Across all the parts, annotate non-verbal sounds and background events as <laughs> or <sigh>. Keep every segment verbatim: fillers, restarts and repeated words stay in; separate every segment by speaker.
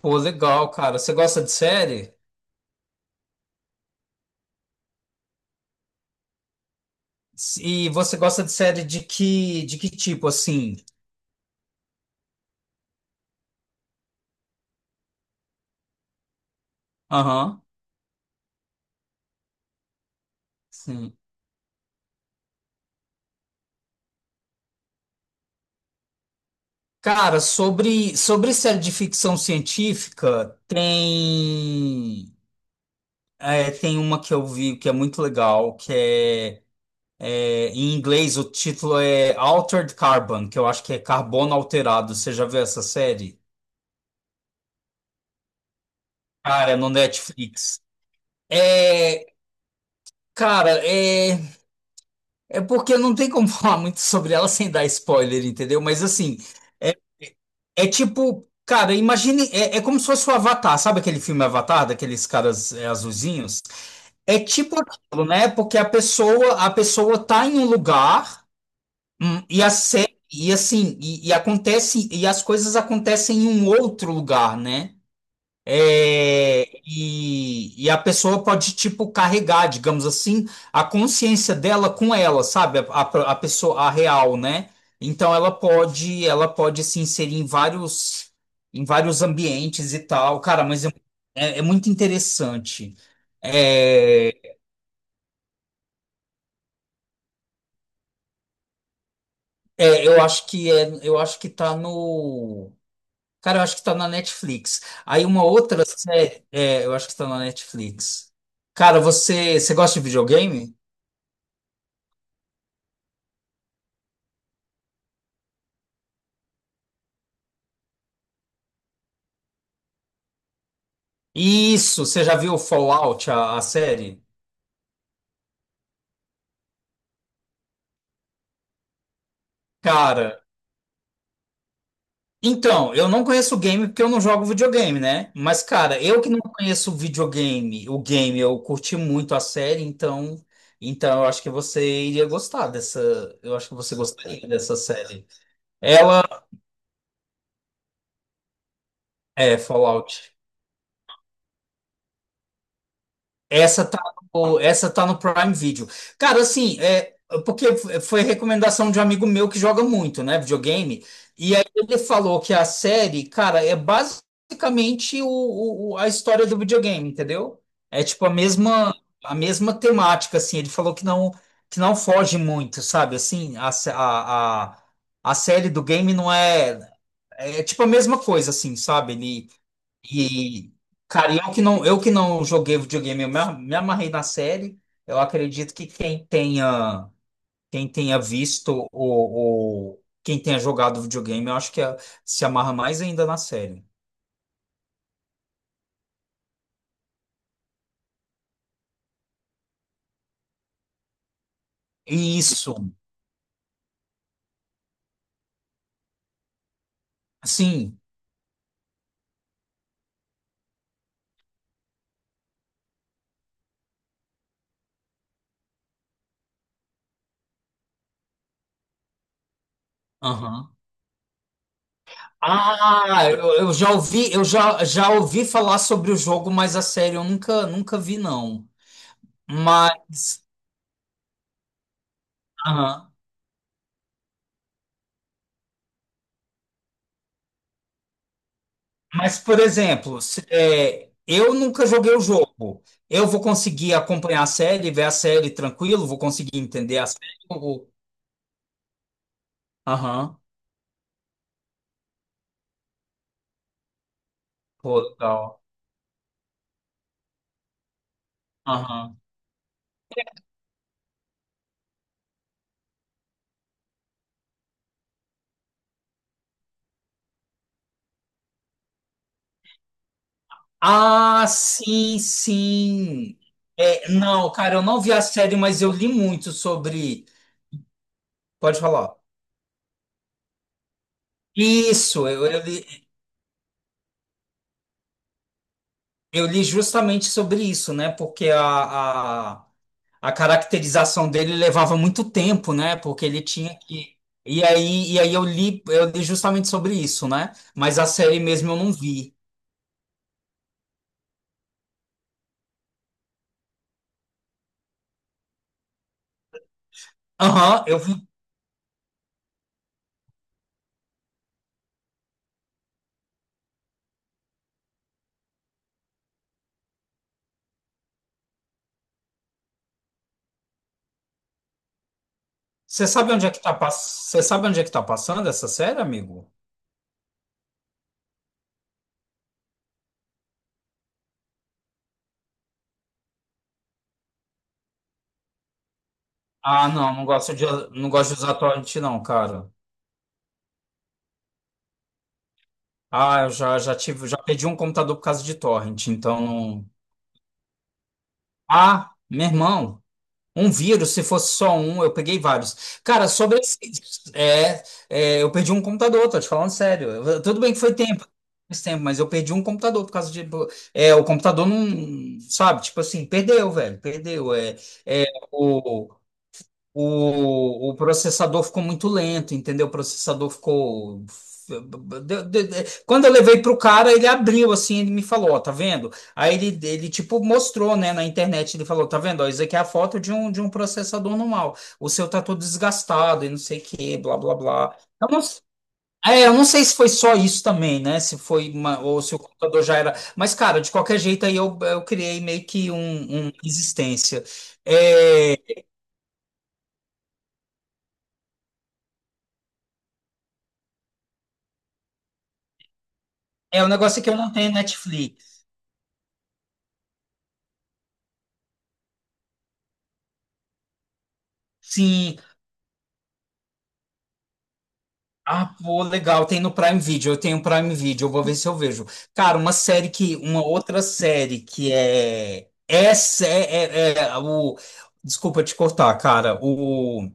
Speaker 1: Pô, legal, cara. Você gosta de série? E você gosta de série de que, de que tipo, assim? Aham, sim. Cara, sobre, sobre série de ficção científica, tem, é, tem uma que eu vi que é muito legal, que é, é, em inglês o título é Altered Carbon, que eu acho que é Carbono Alterado. Você já viu essa série? Cara, é no Netflix. É, cara, é. É porque não tem como <laughs> falar muito sobre ela sem dar spoiler, entendeu? Mas assim, é, é tipo, cara, imagine, é, é como se fosse o Avatar, sabe aquele filme Avatar, daqueles caras é, azulzinhos? É tipo aquilo, né? Porque a pessoa, a pessoa tá em um lugar, hum, e a série, e assim, e, e acontece, e as coisas acontecem em um outro lugar, né? É, e, e a pessoa pode, tipo, carregar, digamos assim, a consciência dela com ela, sabe? A, a- a pessoa, a real, né? Então ela pode, ela pode se inserir em vários, em vários ambientes e tal. Cara, mas é, é- é muito interessante. É, é, eu acho que é, eu acho que tá no. Cara, eu acho que tá na Netflix. Aí uma outra série, é, eu acho que tá na Netflix. Cara, você, você gosta de videogame? Isso, você já viu Fallout, a, a série? Cara, então, eu não conheço o game porque eu não jogo videogame, né? Mas, cara, eu que não conheço o videogame, o game, eu curti muito a série, então, então eu acho que você iria gostar dessa, eu acho que você gostaria dessa série. Ela é Fallout. Essa tá no, essa tá no Prime Video. Cara, assim, é, porque foi recomendação de um amigo meu que joga muito, né, videogame, e aí ele falou que a série, cara, é basicamente o, o- o- a história do videogame, entendeu? É tipo a mesma a mesma temática, assim. Ele falou que não que não foge muito, sabe? Assim, a, sé- a, a, a série do game não é é tipo a mesma coisa, assim, sabe? E, cara, eu que não, eu que não joguei videogame, eu me, a- me amarrei na série. Eu acredito que quem tenha, quem tenha visto o, o- quem tenha jogado videogame, eu acho que eh, se amarra mais ainda na série. Isso, sim. Aham. Ah, eu, eu já ouvi, eu já, já ouvi falar sobre o jogo, mas a série eu nunca, nunca vi, não. Mas, aham. Mas, por exemplo, se- é, eu nunca joguei o jogo. Eu vou conseguir acompanhar a série, ver a série tranquilo, vou conseguir entender a série. Eu vou- Aham. Pô, legal. Aham. Ah, sim, sim. É, não, cara, eu não vi a série, mas eu li muito sobre. Pode falar. Isso, eu, eu li, eu li justamente sobre isso, né? Porque a, a caracterização dele levava muito tempo, né? Porque ele tinha que. E aí, e aí eu li, eu li justamente sobre isso, né? Mas a série mesmo eu não vi. Aham, eu vi. Você sabe onde é que tá pass... Você sabe onde é que tá passando essa série, amigo? Ah, não, não gosto de, não gosto de usar torrent, não, cara. Ah, eu já, já tive, já pedi um computador por causa de torrent, então. Não. Ah, meu irmão. Um vírus, se fosse só um, eu peguei vários. Cara, sobre esse, é, é, eu perdi um computador, tô te falando sério. Eu- tudo bem que foi tempo, faz tempo, mas eu perdi um computador por causa de, é, o computador não, sabe, tipo assim, perdeu, velho, perdeu. É, é, o, o processador ficou muito lento, entendeu? O processador ficou. de- de- de- Quando eu levei pro cara, ele abriu assim, ele me falou, ó, tá vendo? Aí ele, ele tipo mostrou, né, na internet, ele falou, tá vendo? Ó, isso aqui é a foto de um, de um processador normal. O seu tá todo desgastado e não sei o que, blá, blá, blá. Eu não, é, eu não sei se foi só isso também, né? Se foi uma, ou se o computador já era. Mas, cara, de qualquer jeito, aí eu, eu criei meio que um, um resistência. É. É, o negócio é que eu não tenho Netflix. Sim. Ah, pô, legal. Tem no Prime Video. Eu tenho Prime Video. Eu vou ver se eu vejo. Cara, uma série que. Uma outra série que é. Essa é, é, é o. Desculpa te cortar, cara. O,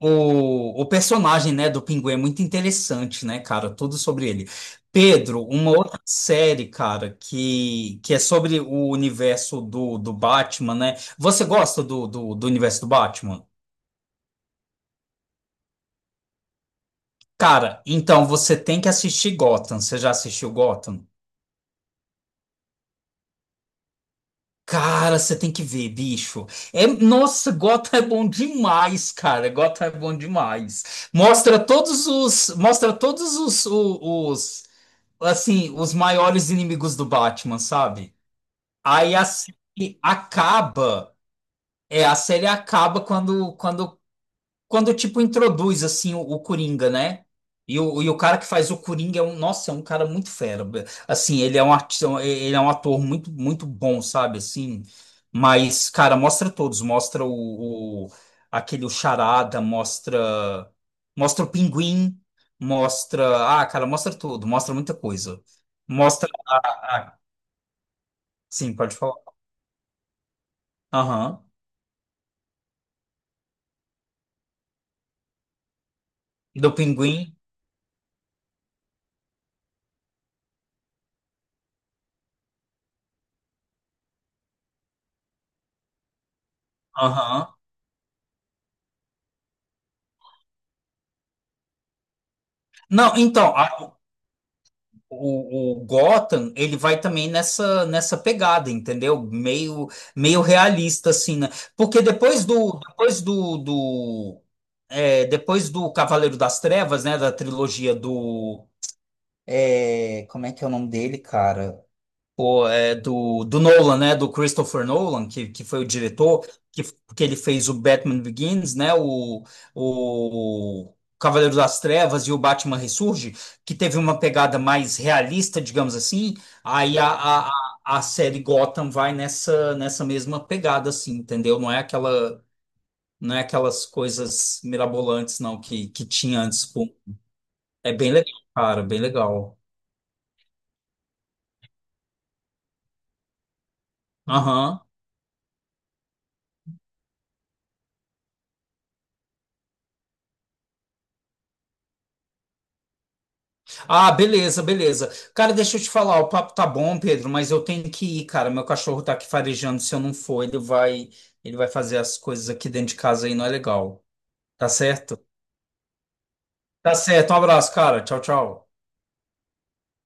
Speaker 1: o, o personagem, né, do Pinguim é muito interessante, né, cara? Tudo sobre ele. Pedro, uma outra série, cara, que, que é sobre o universo do, do Batman, né? Você gosta do, do, do universo do Batman? Cara, então você tem que assistir Gotham. Você já assistiu Gotham? Cara, você tem que ver, bicho. É, nossa, Gotham é bom demais, cara. Gotham é bom demais. Mostra todos os, mostra todos os, o- os, assim, os maiores inimigos do Batman, sabe? Aí a série acaba, é, a série acaba quando, quando quando tipo introduz assim o, o Coringa, né? E o, e o cara que faz o Coringa é um, nossa, é um cara muito fera. Assim, ele é um artista, ele é um ator muito muito bom, sabe? Assim, mas cara, mostra todos, mostra o, o- aquele o Charada, mostra mostra o Pinguim, mostra, ah, cara, mostra tudo, mostra muita coisa. Mostra a, a- sim, pode falar. Aham. Do Pinguim. Aham. Não, então, O, o Gotham, ele vai também nessa nessa pegada, entendeu? Meio meio realista assim, né? Porque depois do depois do, do é, depois do Cavaleiro das Trevas, né, da trilogia do é, como é que é o nome dele, cara? O é do, do Nolan, né? Do Christopher Nolan, que, que foi o diretor, que, que ele fez o Batman Begins, né? O, o Cavaleiro das Trevas e o Batman Ressurge, que teve uma pegada mais realista, digamos assim. Aí a, a, a a série Gotham vai nessa, nessa mesma pegada, assim, entendeu? Não é aquela, não é aquelas coisas mirabolantes, não, que, que tinha antes. Pô. É bem legal, cara, bem legal. Aham. Ah, beleza, beleza. Cara, deixa eu te falar, o papo tá bom, Pedro, mas eu tenho que ir, cara. Meu cachorro tá aqui farejando, se eu não for, ele vai, ele vai fazer as coisas aqui dentro de casa aí, não é legal. Tá certo? Tá certo. Um abraço, cara. Tchau, tchau.